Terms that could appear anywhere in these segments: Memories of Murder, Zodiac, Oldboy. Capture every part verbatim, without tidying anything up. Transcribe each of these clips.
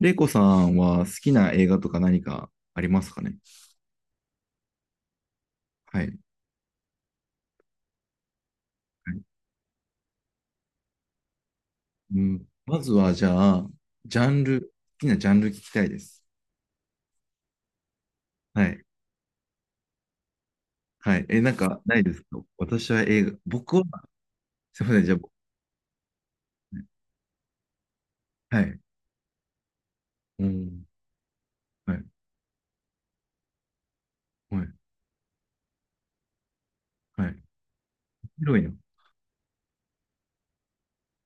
レイコさんは好きな映画とか何かありますかね？はい。はい。うん、まずは、じゃあ、ジャンル、好きなジャンル聞きたいです。はい。はい。え、なんか、ないですか？私は映画、僕は、すみません、じゃあ、僕はい。うん。はい。はい。はい。広いな。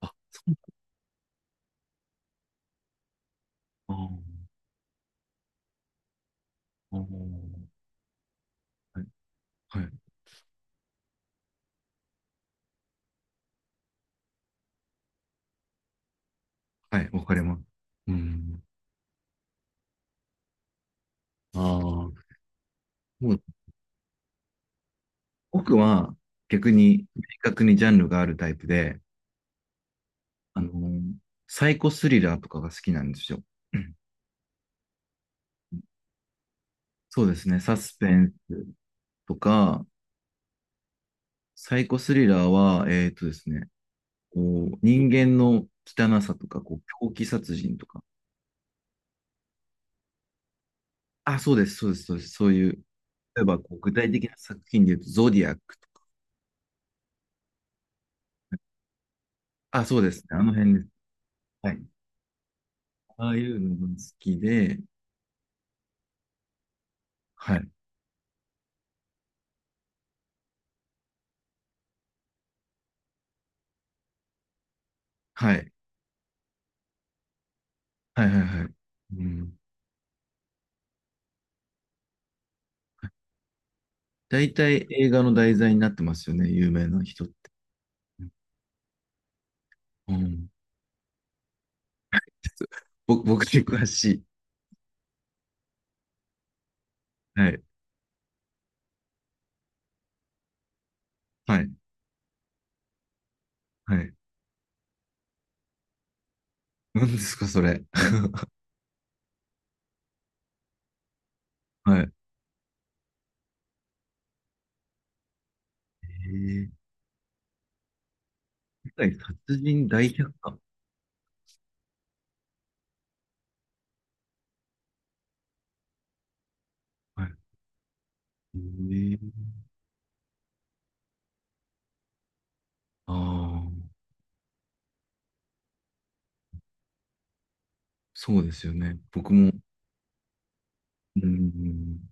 あ、そうだ。あーあ。はいはい。はい。わかります。うん。ああ。もう、僕は、逆に、明確にジャンルがあるタイプで、あの、サイコスリラーとかが好きなんですよ。うん。そうですね、サスペンスとか、サイコスリラーは、えっとですね、こう、人間の汚さとか、こう、狂気殺人とか。あ、そうです、そうです、そうです、そういう、例えばこう具体的な作品で言うと、ゾディアックとか。あ、そうですね、あの辺です。はい。ああいうのが好きで、はい、はい、はい、はい、はい。うん。大体映画の題材になってますよね、有名な人って。うん。ぼ僕に詳しい。はい。はい。はい。何ですか、それ。はい。えー世界殺人大百科。はい。えーああ、そうですよね。僕も、うん、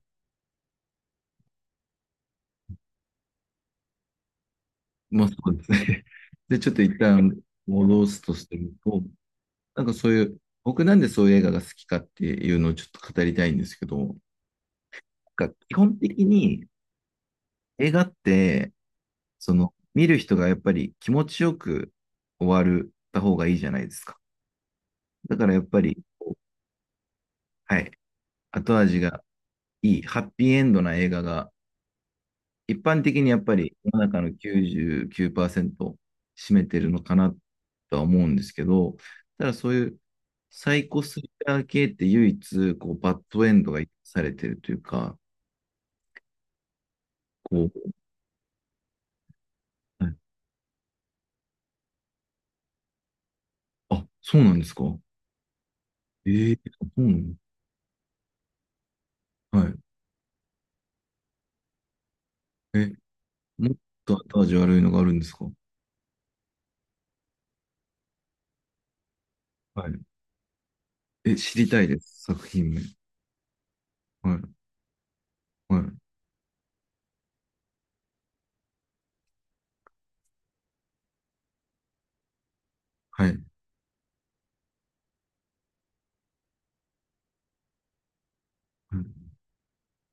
まあそうですね。で、ちょっと一旦戻すとすると、なんかそういう、僕なんでそういう映画が好きかっていうのをちょっと語りたいんですけど、なんか基本的に映画って、その、見る人がやっぱり気持ちよく終わるた方がいいじゃないですか。だからやっぱり、はい。後味がいい、ハッピーエンドな映画が、一般的にやっぱり世の中のきゅうじゅうきゅうパーセント占めてるのかなとは思うんですけど、ただそういうサイコスリラー系って唯一、こう、バッドエンドが許されてるというか、こう、はい。あ、そうなんですか？ええ、そうなの？はい。え、もっと後味悪いのがあるんですか？はい。え、知りたいです、作品名。はい、はい、はい。はい。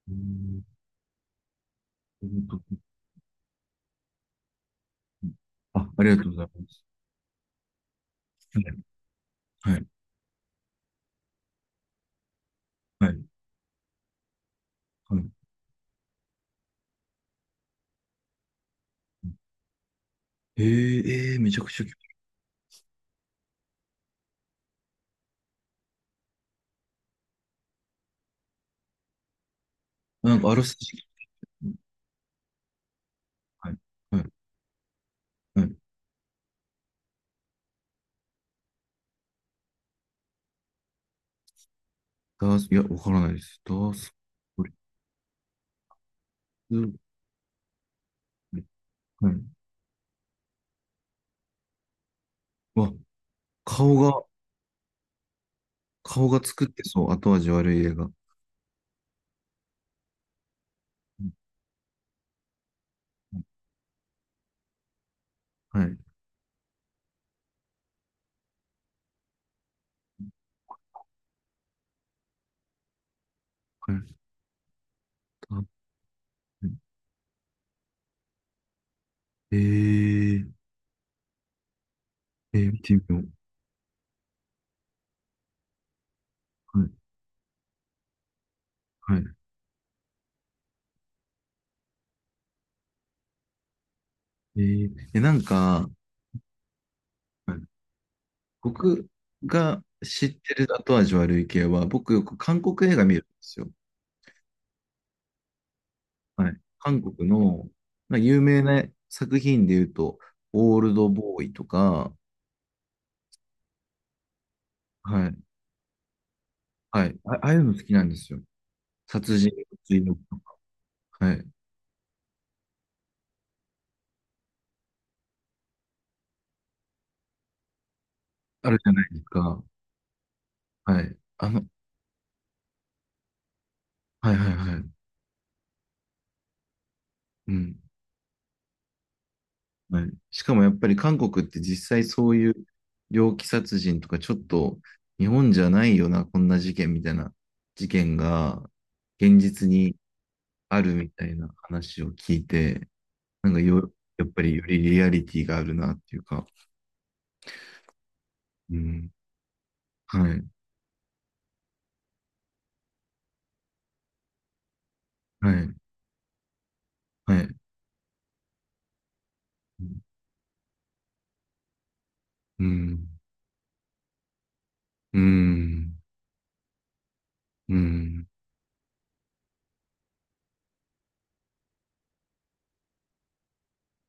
うん。あ、ありがとうございます。はい。はい。はい。ええ、えーめちゃくちゃ興味、なんかあらすじ、はい。はい。はい。ダース、いや、わからないです。ダース、トリス、はい。わ、顔が、顔が作ってそう、後味悪い映画。うん。はい。はい。あえー、えー、見てみよう。はい。はい。えー、え、なんか、はい。僕が知ってる後味悪い系は、僕よく韓国映画見るんですよ。はい。韓国の、まあ、有名な作品で言うと、オールドボーイとか、はい。はい。あ、ああいうの好きなんですよ。殺人の追憶とか。はい。あるじゃないですか。はい。あの、はいはいはい。うん。はい。しかもやっぱり韓国って実際そういう猟奇殺人とかちょっと日本じゃないよな、こんな事件みたいな事件が現実にあるみたいな話を聞いて、なんかよ、やっぱりよりリアリティがあるなっていうか、うん、はい、はい、はい、うん、うん、うん、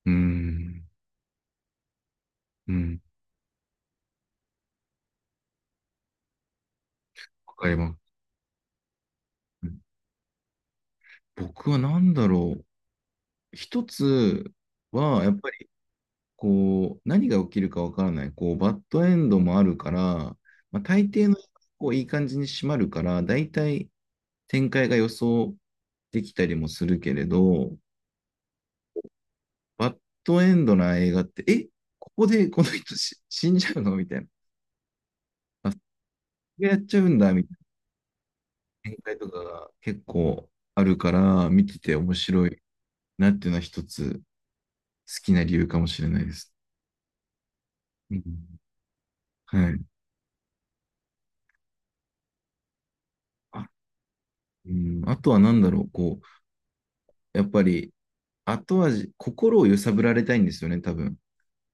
うん、うん、わかります。僕は何だろう。一つは、やっぱりこう、何が起きるかわからない。こう、バッドエンドもあるから、まあ、大抵のこういい感じに締まるから、大体展開が予想できたりもするけれど、バッドエンドな映画って、え、ここでこの人し死んじゃうのみたいな。これやっちゃうんだみたいな展開とかが結構あるから、見てて面白いなっていうのは一つ好きな理由かもしれないです。うん、はい。あ、うん、あとは何だろう、こう、やっぱり後味、心を揺さぶられたいんですよね、多分。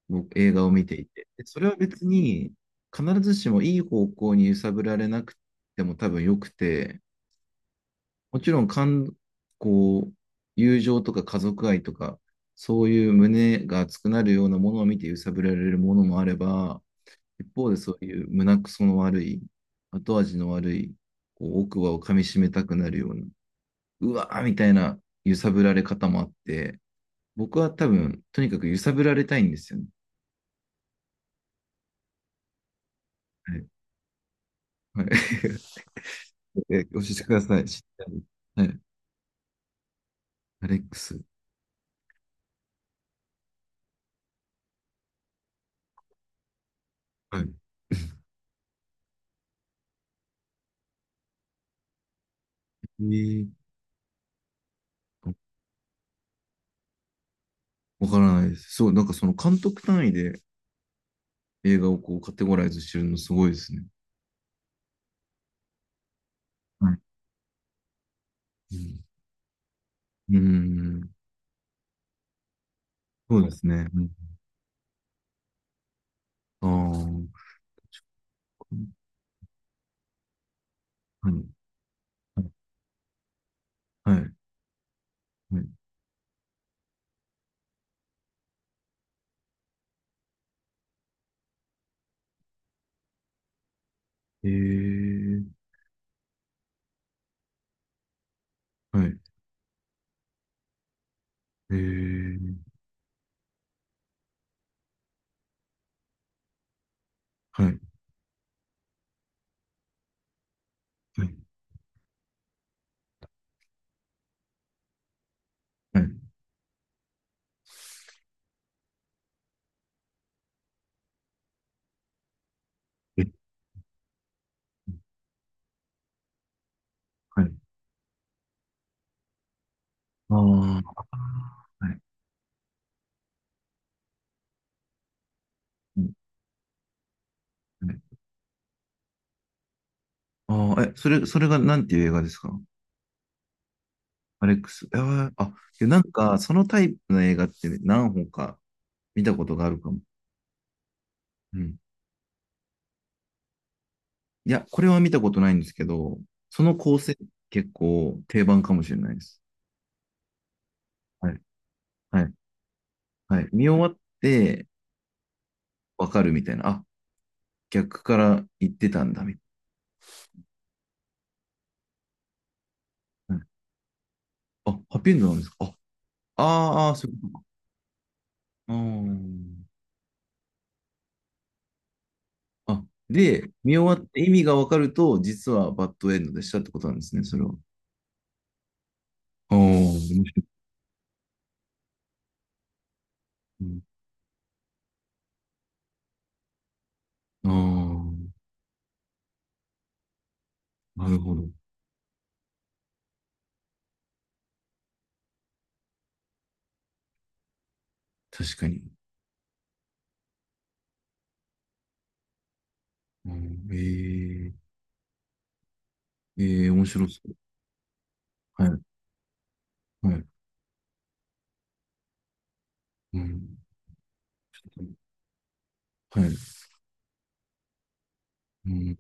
僕、映画を見ていて。でそれは別に必ずしもいい方向に揺さぶられなくても多分良くて、もちろん、感、こう、友情とか家族愛とか、そういう胸が熱くなるようなものを見て揺さぶられるものもあれば、一方でそういう胸くその悪い、後味の悪い、こう奥歯を噛み締めたくなるような、うわーみたいな揺さぶられ方もあって、僕は多分、とにかく揺さぶられたいんですよね。はい。はい、え、教えてください。知ってる？はい。アレックス。はい。えーわからないです。そう、なんかその監督単位で映画をこうカテゴライズしてるのすごいですね。はい。うん。うん。そうですね。うん、ああ。はい。はい。はい。ええ。はい。ええ。はい。はい。はい。え。はい。ああ。はい。うん。はい。ああ、え、それ、それがなんていう映画ですか？アレックス。えーあ、いや、なんか、そのタイプの映画って何本か見たことがあるかも。うん。いや、これは見たことないんですけど、その構成結構定番かもしれないです。はい。はい。はい。見終わってわかるみたいな。あ、逆から言ってたんだみたいな。はい。あ、ハッピーエンドなんですか？あ、あーあー、そういうことか。うーん。あ、で、見終わって意味がわかると、実はバッドエンドでしたってことなんですね、それは。ああ、面白い。うん。ああ、なるほど。確かに。うん、ええ。ええ面白そう。はい。はい。うん。はい。うん、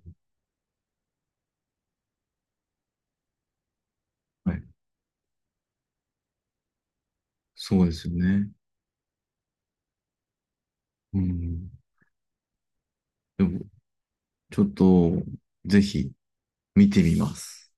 はい。そうですよね。うん。でも、ちょっと、ぜひ見てみます。